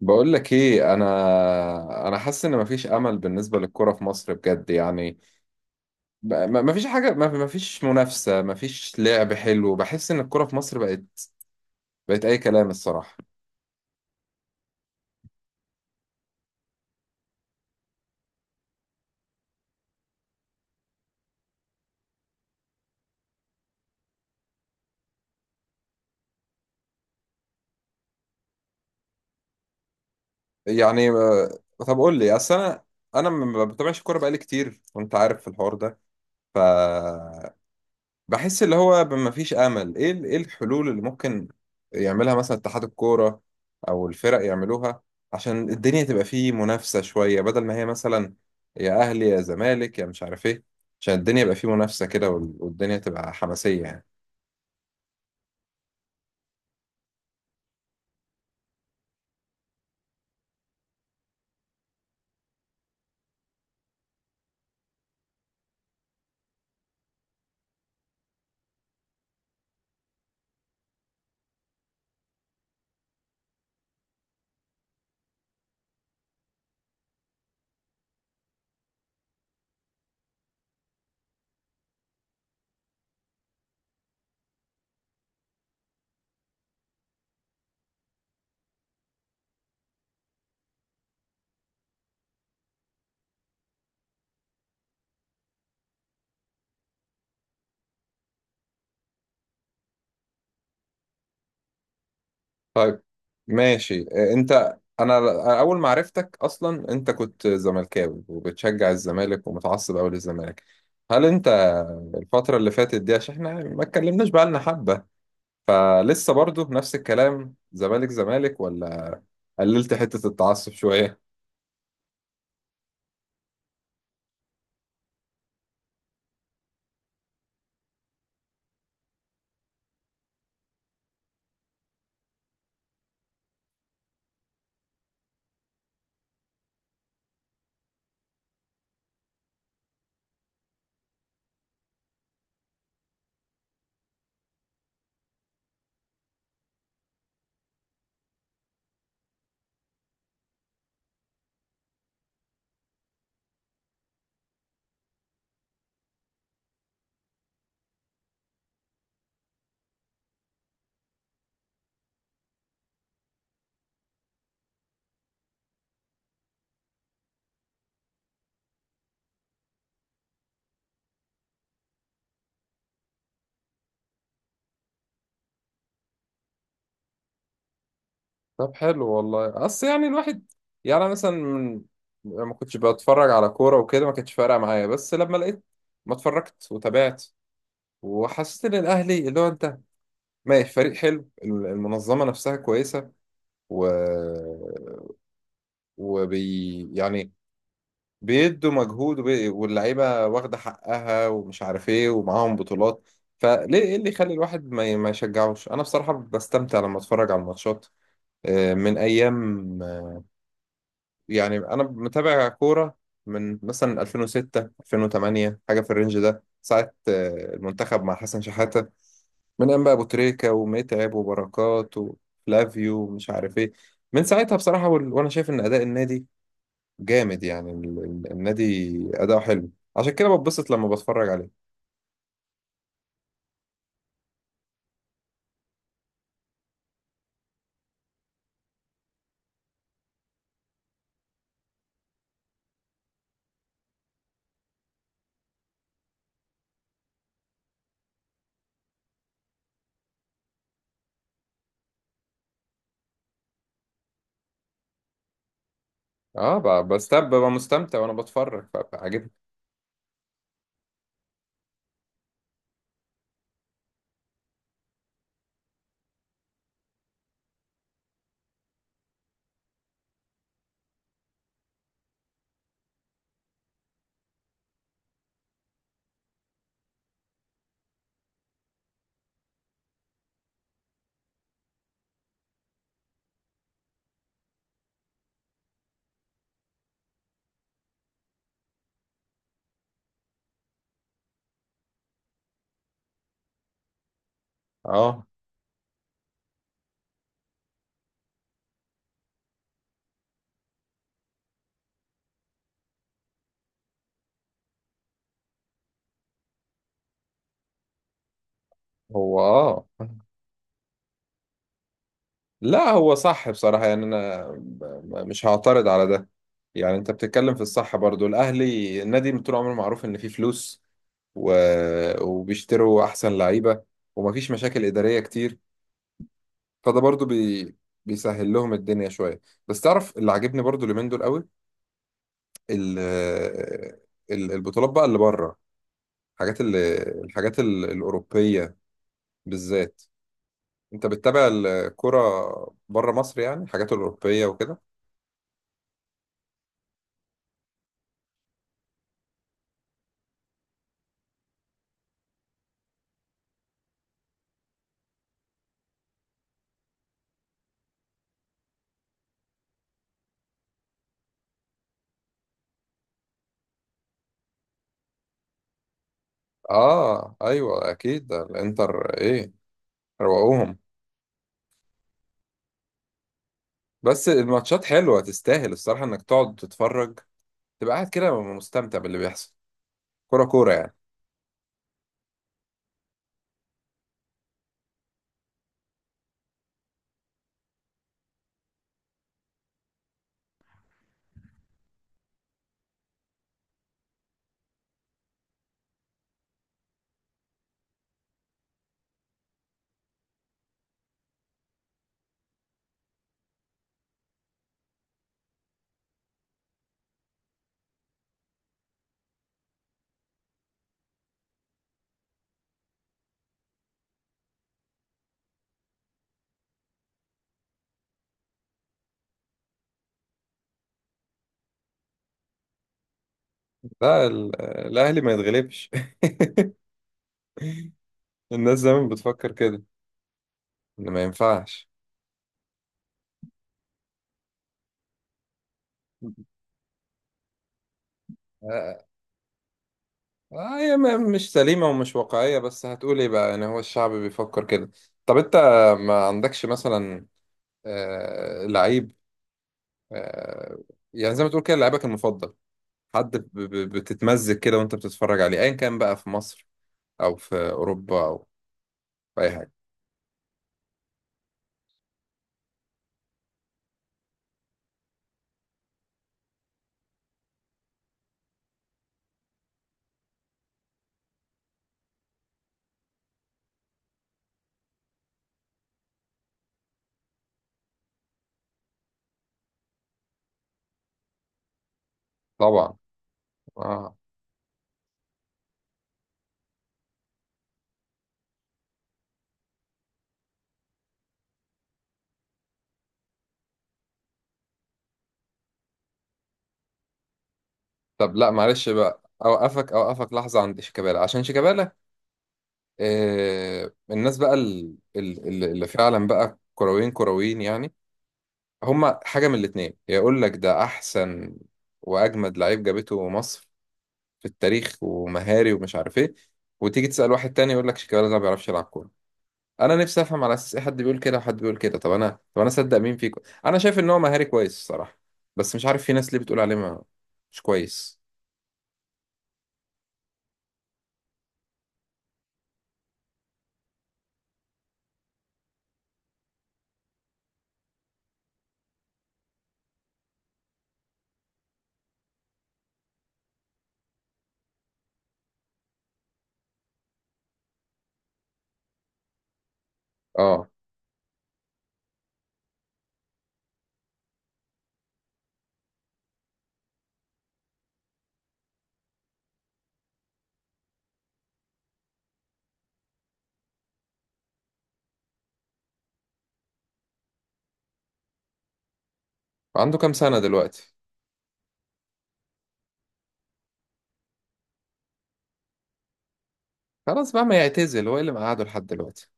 بقول لك ايه، انا حاسس ان مفيش امل بالنسبه للكره في مصر بجد يعني. مفيش حاجه، مفيش منافسه، مفيش لعب حلو. بحس ان الكره في مصر بقت اي كلام الصراحه. يعني طب قول لي، اصل انا ما بتابعش الكوره بقالي كتير وانت عارف في الحوار ده. ف بحس اللي هو مفيش امل. ايه ايه الحلول اللي ممكن يعملها مثلا اتحاد الكوره او الفرق يعملوها، عشان الدنيا تبقى فيه منافسه شويه، بدل ما هي مثلا يا اهلي يا زمالك يا مش عارف ايه. عشان الدنيا يبقى فيه منافسه كده، والدنيا تبقى حماسيه يعني. طيب ماشي. انت، اول ما عرفتك اصلا انت كنت زملكاوي وبتشجع الزمالك ومتعصب قوي للزمالك. هل انت الفتره اللي فاتت دي، عشان احنا ما اتكلمناش بقى لنا حبه، فلسه برضه نفس الكلام زمالك زمالك، ولا قللت حتة التعصب شوية؟ طب حلو والله. اصل يعني الواحد، يعني أنا مثلا يعني ما كنتش بتفرج على كورة وكده، ما كانتش فارقة معايا. بس لما لقيت ما اتفرجت وتابعت وحسيت ان الاهلي اللي هو انت ماشي فريق حلو، المنظمة نفسها كويسة، و... يعني بيدوا مجهود واللعيبه واخده حقها ومش عارف ايه ومعاهم بطولات. فليه، ايه اللي يخلي الواحد ما يشجعوش؟ انا بصراحه بستمتع لما اتفرج على الماتشات. من ايام، يعني انا متابع كوره من مثلا 2006 2008 حاجه في الرينج ده. ساعه المنتخب مع حسن شحاته، من ايام بقى ابو تريكه ومتعب وبركات وفلافيو ومش عارف ايه. من ساعتها بصراحه وانا شايف ان اداء النادي جامد يعني. النادي أداؤه حلو، عشان كده بتبسط لما بتفرج عليه. اه، ب- بستب ببقى مستمتع وانا بتفرج فعجبني. اه. هو اه. لا هو صح بصراحة، يعني انا مش هعترض على ده. يعني انت بتتكلم في الصح برضو. الاهلي النادي من طول عمره معروف ان فيه فلوس، و... وبيشتروا احسن لعيبة، ومفيش مشاكل ادارية كتير. فده برضو بيسهل لهم الدنيا شوية. بس تعرف اللي عاجبني برضو اليومين دول قوي، ال- البطولات بقى اللي بره، الحاجات اللي الحاجات الأوروبية بالذات. انت بتتابع الكرة بره مصر يعني، الحاجات الأوروبية وكده؟ اه ايوه، اكيد ده الانتر ايه، روقوهم. بس الماتشات حلوة، تستاهل الصراحة انك تقعد تتفرج، تبقى قاعد كده مستمتع باللي بيحصل، كرة كورة يعني. لا الأهلي ما يتغلبش. الناس دايما بتفكر كده، إن ما ينفعش. آه، هي مش سليمة ومش واقعية، بس هتقول ايه بقى يعني، هو الشعب بيفكر كده. طب انت ما عندكش مثلا لعيب، آه يعني زي ما تقول كده لعيبك المفضل، حد بتتمزج كده وانت بتتفرج عليه، ايا كان بقى في مصر او في اوروبا او في اي حاجة؟ طبعا. اه. طب لا معلش بقى، اوقفك اوقفك لحظة عند شيكابالا. عشان شيكابالا، الناس بقى اللي فعلا بقى كرويين كرويين يعني، هما حاجة من الاتنين: يقول لك ده أحسن وأجمد لعيب جابته مصر في التاريخ ومهاري ومش عارف إيه، وتيجي تسأل واحد تاني يقول لك شيكابالا ده ما بيعرفش يلعب كورة. أنا نفسي أفهم على أساس إيه حد بيقول كده وحد بيقول كده. طب أنا أصدق مين فيكم؟ أنا شايف إن هو مهاري كويس الصراحة، بس مش عارف في ناس ليه بتقول عليه ما مش كويس. أه. عنده كام سنة دلوقتي؟ خلاص بقى ما يعتزل، هو إيه اللي مقعده لحد دلوقتي؟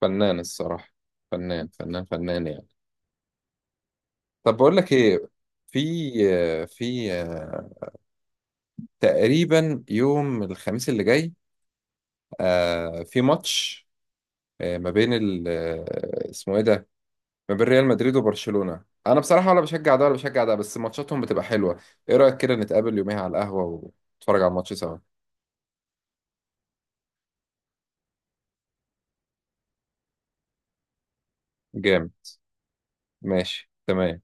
فنان الصراحة، فنان فنان فنان يعني. طب بقول لك إيه، في تقريبا يوم الخميس اللي جاي في ماتش، ما بين ال آه، اسمه ايه ده، ما بين ريال مدريد وبرشلونة. انا بصراحة ولا بشجع ده ولا بشجع ده، بس ماتشاتهم بتبقى حلوة. ايه رأيك كده نتقابل يوميها على القهوة ونتفرج على الماتش سوا؟ جامد. ماشي تمام.